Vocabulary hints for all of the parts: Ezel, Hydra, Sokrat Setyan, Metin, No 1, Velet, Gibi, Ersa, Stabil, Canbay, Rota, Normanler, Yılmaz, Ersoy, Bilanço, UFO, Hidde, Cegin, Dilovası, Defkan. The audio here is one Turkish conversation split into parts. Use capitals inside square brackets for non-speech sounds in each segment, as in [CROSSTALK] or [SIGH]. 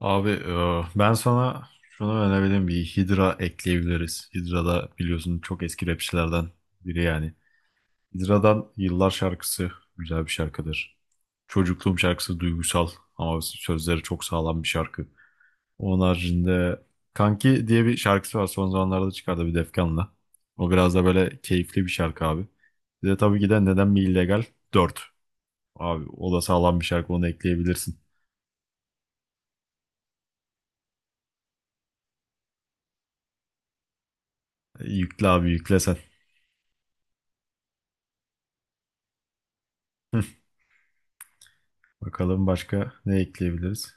Abi ben sana şunu önerebilirim. Bir Hydra ekleyebiliriz. Hydra da biliyorsun çok eski rapçilerden biri yani. Hydra'dan Yıllar şarkısı güzel bir şarkıdır. Çocukluğum şarkısı duygusal ama sözleri çok sağlam bir şarkı. Onun haricinde Kanki diye bir şarkısı var. Son zamanlarda çıkardı bir Defkan'la. O biraz da böyle keyifli bir şarkı abi. Bir de tabii ki de Neden Mi illegal 4. Abi o da sağlam bir şarkı onu ekleyebilirsin. Yükle abi yükle sen. [LAUGHS] Bakalım başka ne ekleyebiliriz?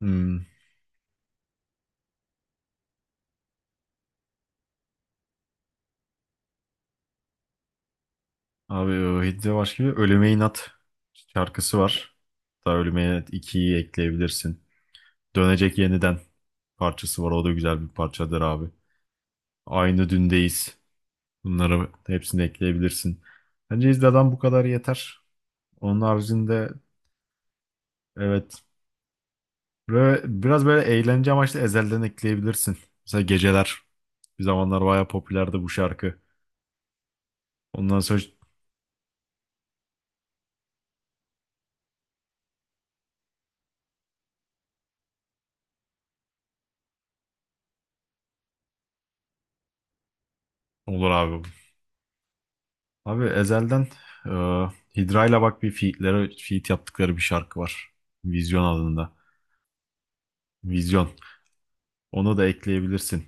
Hmm. Abi o Hidde başka bir Ölüme İnat şarkısı var. Hatta Ölüme İnat 2'yi ekleyebilirsin. Dönecek Yeniden parçası var. O da güzel bir parçadır abi. Aynı Dündeyiz. Bunları hepsini ekleyebilirsin. Bence Hidda'dan bu kadar yeter. Onun haricinde evet. Böyle, biraz böyle eğlence amaçlı Ezel'den ekleyebilirsin. Mesela Geceler. Bir zamanlar bayağı popülerdi bu şarkı. Ondan sonra olur abi. Abi Ezel'den e, Hidra'yla bak bir feat'lere feat yaptıkları bir şarkı var. Vizyon adında. Vizyon. Onu da ekleyebilirsin.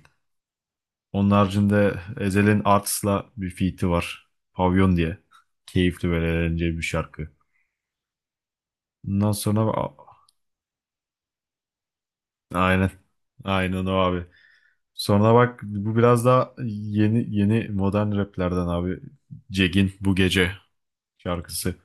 Onun haricinde Ezel'in Arts'la bir feat'i var. Pavyon diye. Keyifli böyle eğlenceli bir şarkı. Ondan sonra aynen. Aynen o abi. Sonra bak bu biraz daha yeni yeni modern raplerden abi. Cegin Bu Gece şarkısı.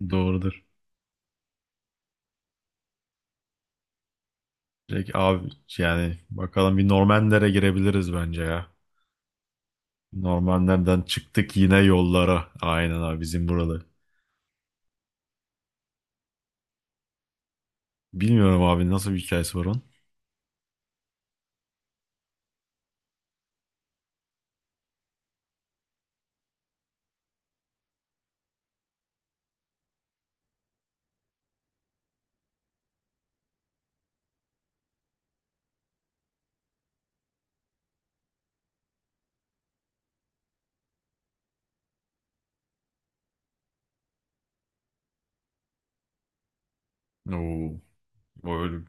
[LAUGHS] Doğrudur. Direkt abi yani bakalım bir Normanler'e girebiliriz bence ya. Normanler'den çıktık yine yollara. Aynen abi bizim buralı. Bilmiyorum abi nasıl bir hikayesi var onun. Oo, böyle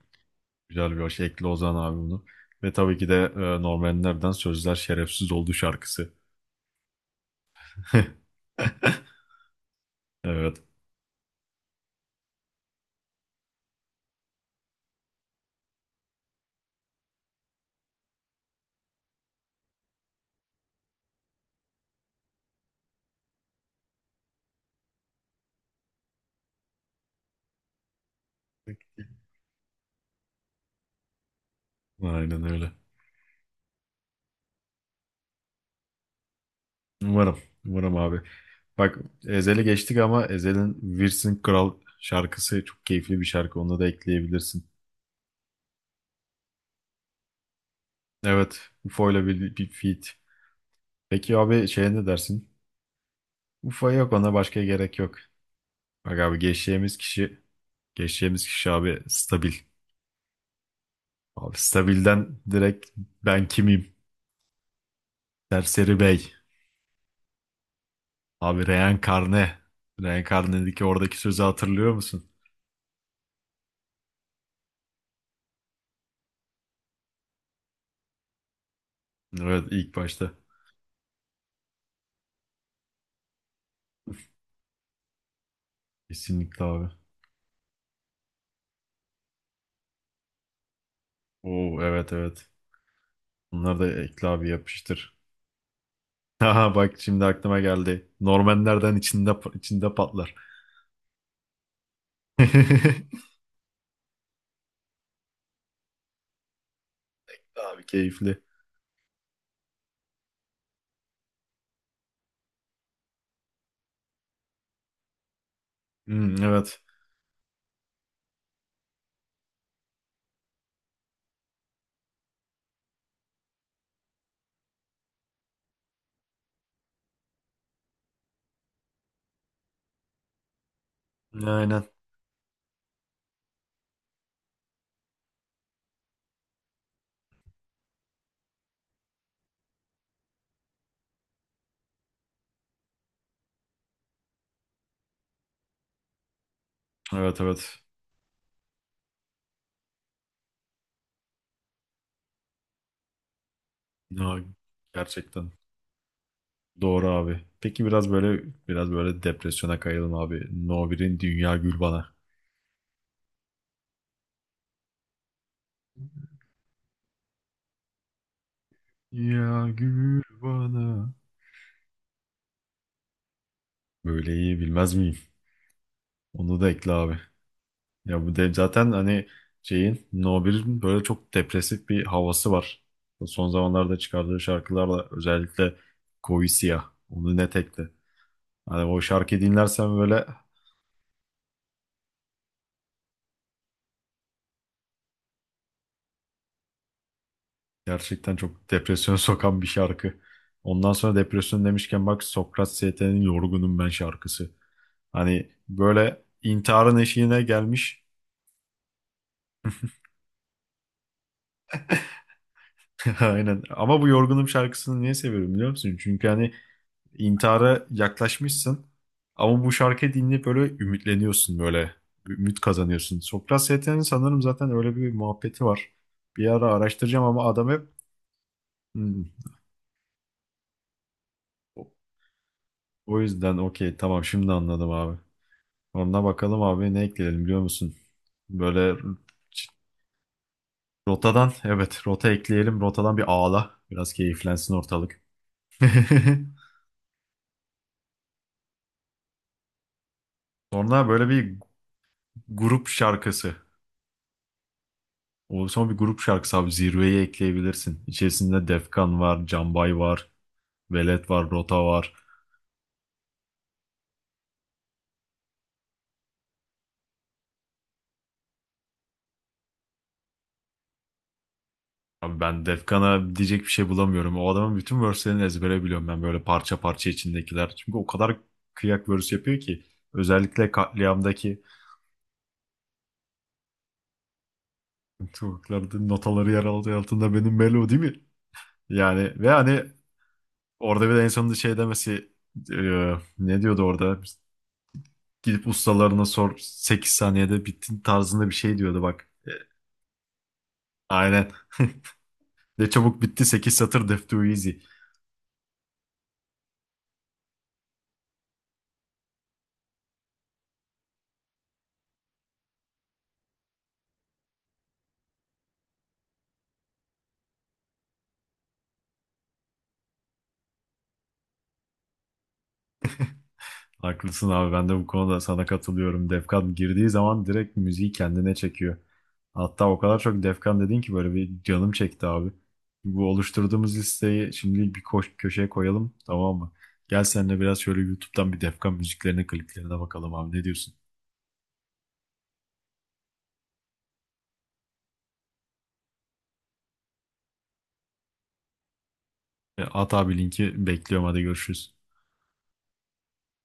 güzel bir şey. Ekli Ozan abi bunu. Ve tabii ki de Normanler'den Sözler Şerefsiz Oldu şarkısı. [LAUGHS] Evet. Aynen öyle. Umarım. Umarım abi. Bak Ezel'i geçtik ama Ezel'in Wirsin Kral şarkısı çok keyifli bir şarkı. Onu da ekleyebilirsin. Evet. UFO ile bir feat. Peki abi şeye ne dersin? UFO yok ona başka gerek yok. Bak abi geçeceğimiz kişi abi Stabil. Abi Stabil'den direkt ben kimim? Serseri Bey. Abi Reenkarne. Reenkarne'deki oradaki sözü hatırlıyor musun? Evet ilk başta. Kesinlikle abi. Oo, evet evet. Bunları da ekle abi yapıştır. [LAUGHS] Haha bak şimdi aklıma geldi. Normanlerden içinde içinde patlar. [LAUGHS] Abi keyifli. Hmm, evet. Aynen. Evet evet. Ya, gerçekten. Doğru abi. Peki biraz böyle depresyona kayalım abi. No 1'in Dünya Gül Bana. Ya gül bana. Böyle iyi bilmez miyim? Onu da ekle abi. Ya zaten hani şeyin No 1'in böyle çok depresif bir havası var. Son zamanlarda çıkardığı şarkılarla özellikle Koyu Siyah. Onu net ekle. Hani o şarkıyı dinlersen böyle gerçekten çok depresyona [LAUGHS] sokan bir şarkı. Ondan sonra depresyon demişken bak Sokrat ST'nin Yorgunum Ben şarkısı. Hani böyle intiharın eşiğine gelmiş. [LAUGHS] Aynen. Ama bu Yorgunum şarkısını niye seviyorum biliyor musun? Çünkü hani intihara yaklaşmışsın. Ama bu şarkıyı dinleyip böyle ümitleniyorsun böyle. Ümit kazanıyorsun. Sokrat Setyan'ın sanırım zaten öyle bir muhabbeti var. Bir ara araştıracağım ama adam hep. "Hmm, O yüzden okey tamam şimdi anladım abi. Onunla bakalım abi ne ekleyelim biliyor musun? Böyle rotadan evet rota ekleyelim. Rotadan bir ağla. Biraz keyiflensin ortalık. [LAUGHS] Sonra böyle bir grup şarkısı. O son bir grup şarkısı abi zirveyi ekleyebilirsin. İçerisinde Defkan var, Canbay var, Velet var, Rota var. Abi ben Defkan'a diyecek bir şey bulamıyorum. O adamın bütün verse'lerini ezbere biliyorum ben böyle parça parça içindekiler. Çünkü o kadar kıyak verse yapıyor ki. Özellikle katliamdaki [LAUGHS] tuvaklarda notaları yer aldığı altında benim Melo değil mi? Yani ve hani orada bir de en sonunda şey demesi e, ne diyordu orada? Gidip ustalarına sor 8 saniyede bitti tarzında bir şey diyordu bak. Aynen. [LAUGHS] Ne çabuk bitti sekiz satır def too easy. Haklısın abi ben de bu konuda sana katılıyorum. Defkan girdiği zaman direkt müziği kendine çekiyor. Hatta o kadar çok Defkan dedin ki böyle bir canım çekti abi. Bu oluşturduğumuz listeyi şimdi bir koş köşeye koyalım tamam mı? Gel seninle biraz şöyle YouTube'dan bir Defkan müziklerine kliplerine bakalım abi ne diyorsun? At abi linki bekliyorum hadi görüşürüz.